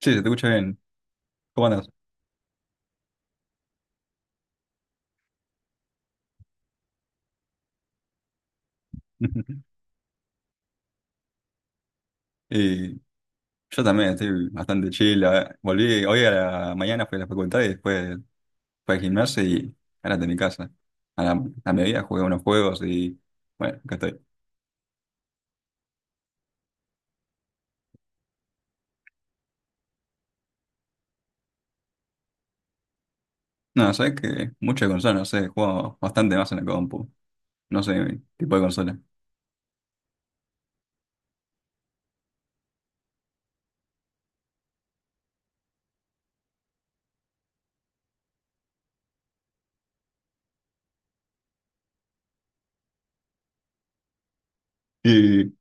Sí, se te escucha bien. ¿Cómo andas? Y yo también estoy bastante chill. Volví hoy a la mañana, fui a la facultad y después fui al gimnasio y ahora de mi casa. A la, a mediodía jugué unos juegos y bueno, acá estoy. No, sabes que muchas consolas, no sé, juego bastante más en la compu. No sé qué tipo de consola. Y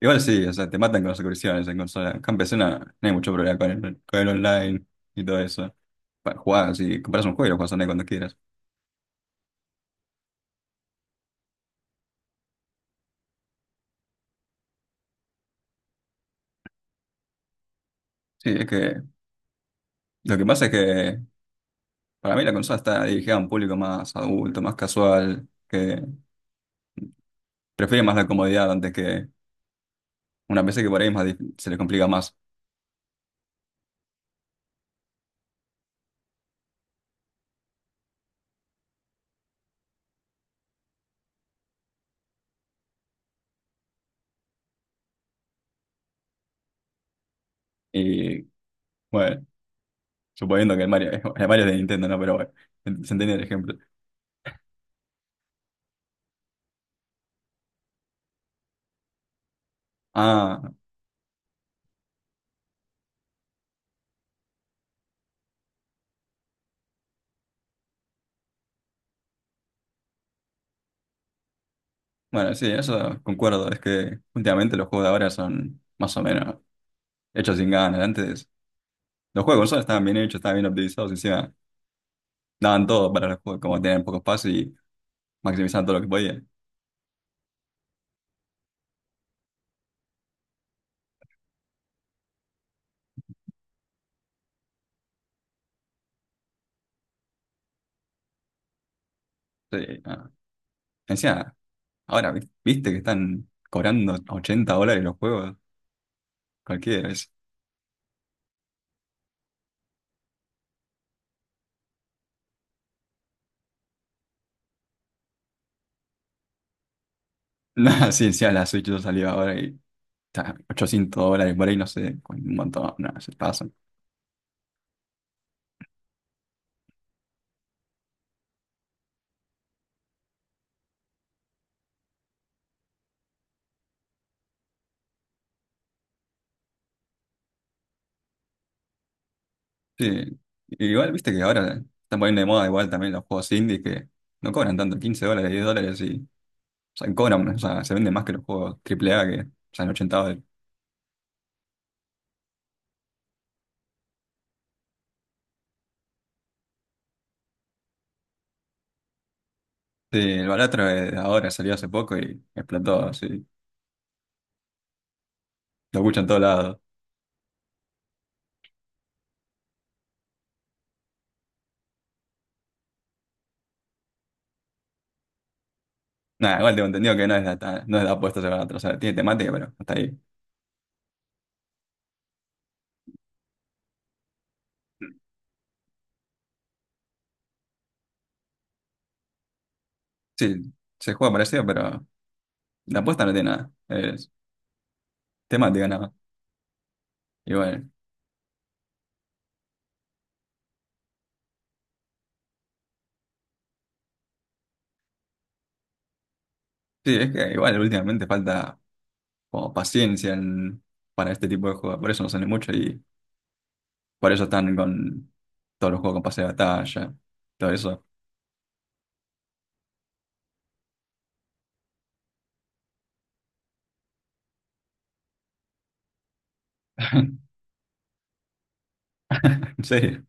igual sí, o sea, te matan con las suscripciones en consola. Acá en PC no, no hay mucho problema con el online y todo eso. Para jugar, si compras un juego y lo juegas online cuando quieras. Sí, es que lo que pasa es que para mí la consola está dirigida a un público más adulto, más casual, que prefiere más la comodidad antes que una PC que por ahí es más se le complica más. Y bueno, suponiendo que el Mario, el Mario es de Nintendo, ¿no? Pero bueno, se entiende el ejemplo. Ah, bueno, sí, eso concuerdo. Es que últimamente los juegos de ahora son más o menos hechos sin ganas. Antes los juegos de consola estaban bien hechos, estaban bien optimizados, encima daban todo para los juegos, como tenían poco espacio y maximizaban todo lo que podían. Sí, ah. Encima ahora, viste que están cobrando $80 los juegos, cualquiera es. Nada, sí, sí, a la Switch yo salió ahora y está $800 por ahí, no sé, con un montón, nada, se pasan. Sí, igual viste que ahora están poniendo de moda igual también los juegos indie que no cobran tanto, $15, $10 y, o sea, cobran, o sea, se venden más que los juegos AAA que salen $80. Sí, el Balatro de ahora salió hace poco y explotó, sí, lo escuchan en todos lados. Nada, igual tengo entendido que no es de, no es de apuestas el Balatro, o sea, tiene temática, pero hasta ahí. Sí, se juega parecido, pero la apuesta no tiene nada. Es temática, nada más. Igual. Sí, es que igual últimamente falta como paciencia para este tipo de juegos. Por eso no sale mucho y por eso están con todos los juegos con pase de batalla, todo eso. En serio,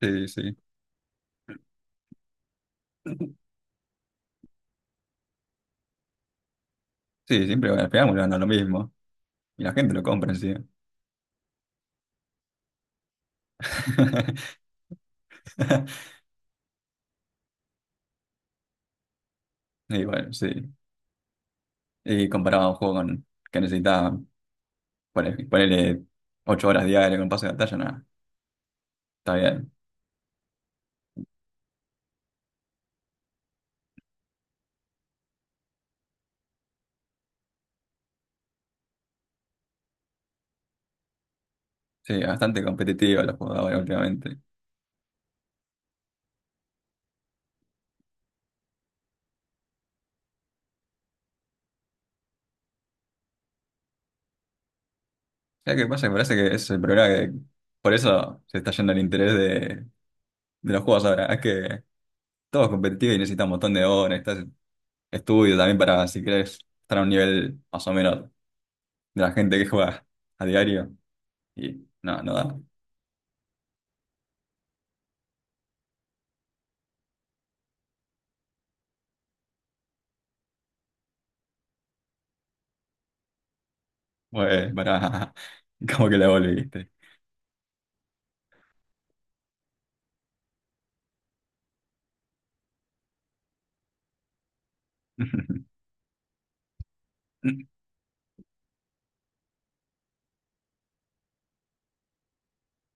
sí, sí. Sí, siempre bueno, al final vuelven a lo mismo. Y la gente lo compra, sí. Y bueno, sí. Y comparado a un juego con, que necesita ponerle 8 horas diarias con pase de batalla, nada. Está bien. Sí, bastante competitiva los jugadores últimamente. ¿Sabes qué pasa? Me parece que ese es el problema, que por eso se está yendo el interés de los juegos ahora. Es que todo es competitivo y necesita un montón de horas, necesitas estudio también para, si querés, estar a un nivel más o menos de la gente que juega a diario. Y no, no da. Pues para como que la volviste.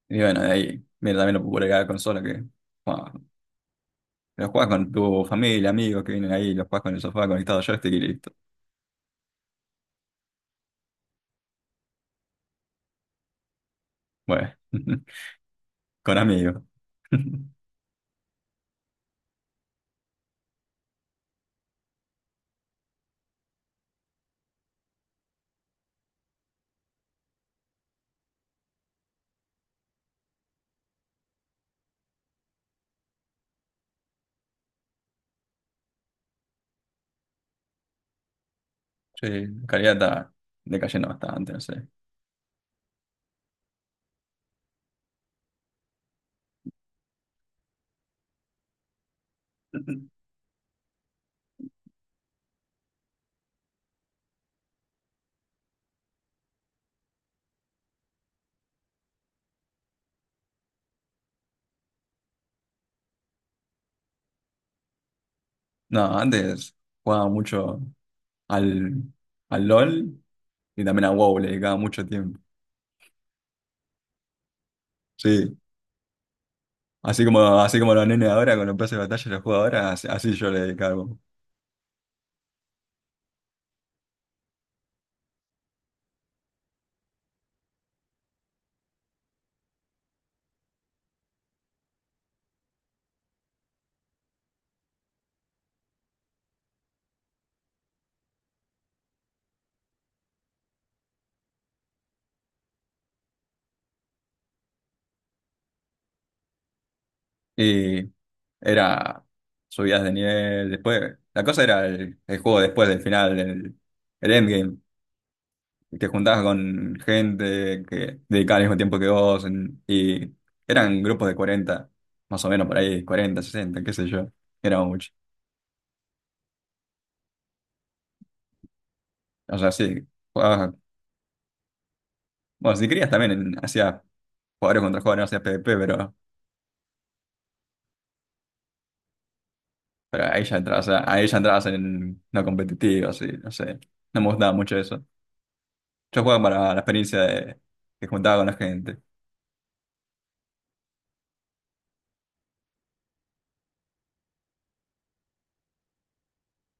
Y bueno, de ahí, mira, también lo popularidad de la consola, que bueno, lo juegas con tu familia, amigos que vienen ahí, lo juegas con el sofá conectado a joystick y listo. Bueno. Con amigos. Sí, Caridad está decayendo bastante, no sé. No, antes jugaba mucho al, al LOL y también a WoW, le dedicaba mucho tiempo. Sí, así como los nenes ahora con los pases de batalla los juego ahora, así yo le dedicaba al WoW. Y era subidas de nivel, después, la cosa era el juego después del final, el endgame. Te juntabas con gente que dedicaba el mismo tiempo que vos y eran grupos de 40 más o menos por ahí, 40 60 qué sé yo, era mucho. O sea, sí, jugabas, bueno, si querías también hacías jugadores contra jugadores, no hacías PvP, pero ahí ya entrabas en no competitivo, así, no sé, no me gustaba mucho eso. Yo jugaba para la experiencia de que juntaba con la gente,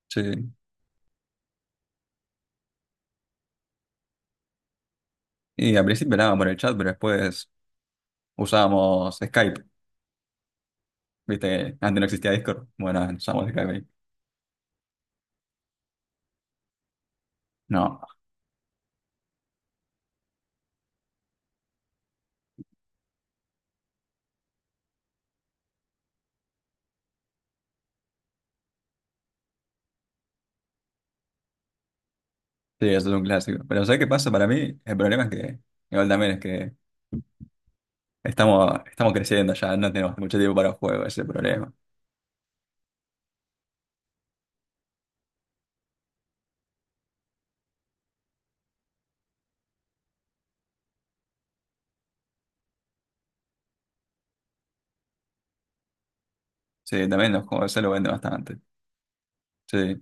sí. Y al principio hablábamos por el chat, pero después usábamos Skype. Viste que antes no existía Discord. Bueno, usábamos Skype ahí. No, sí, eso es un clásico. Pero ¿sabes qué pasa? Para mí, el problema es que, igual también es que estamos creciendo ya, no tenemos mucho tiempo para juegos, ese es el problema. Sí, también los juegos de celu venden bastante. Sí.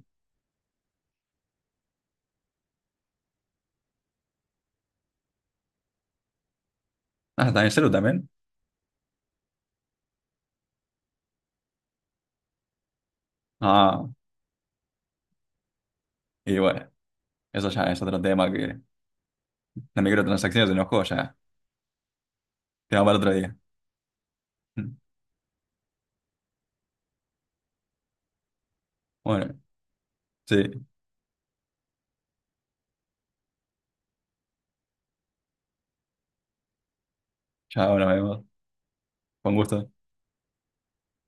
Ah, ¿también celu también? Ah, y bueno, eso ya es otro tema, que las microtransacciones en los juegos ya, tema para otro día. Bueno, sí, ya nos vemos. Con gusto.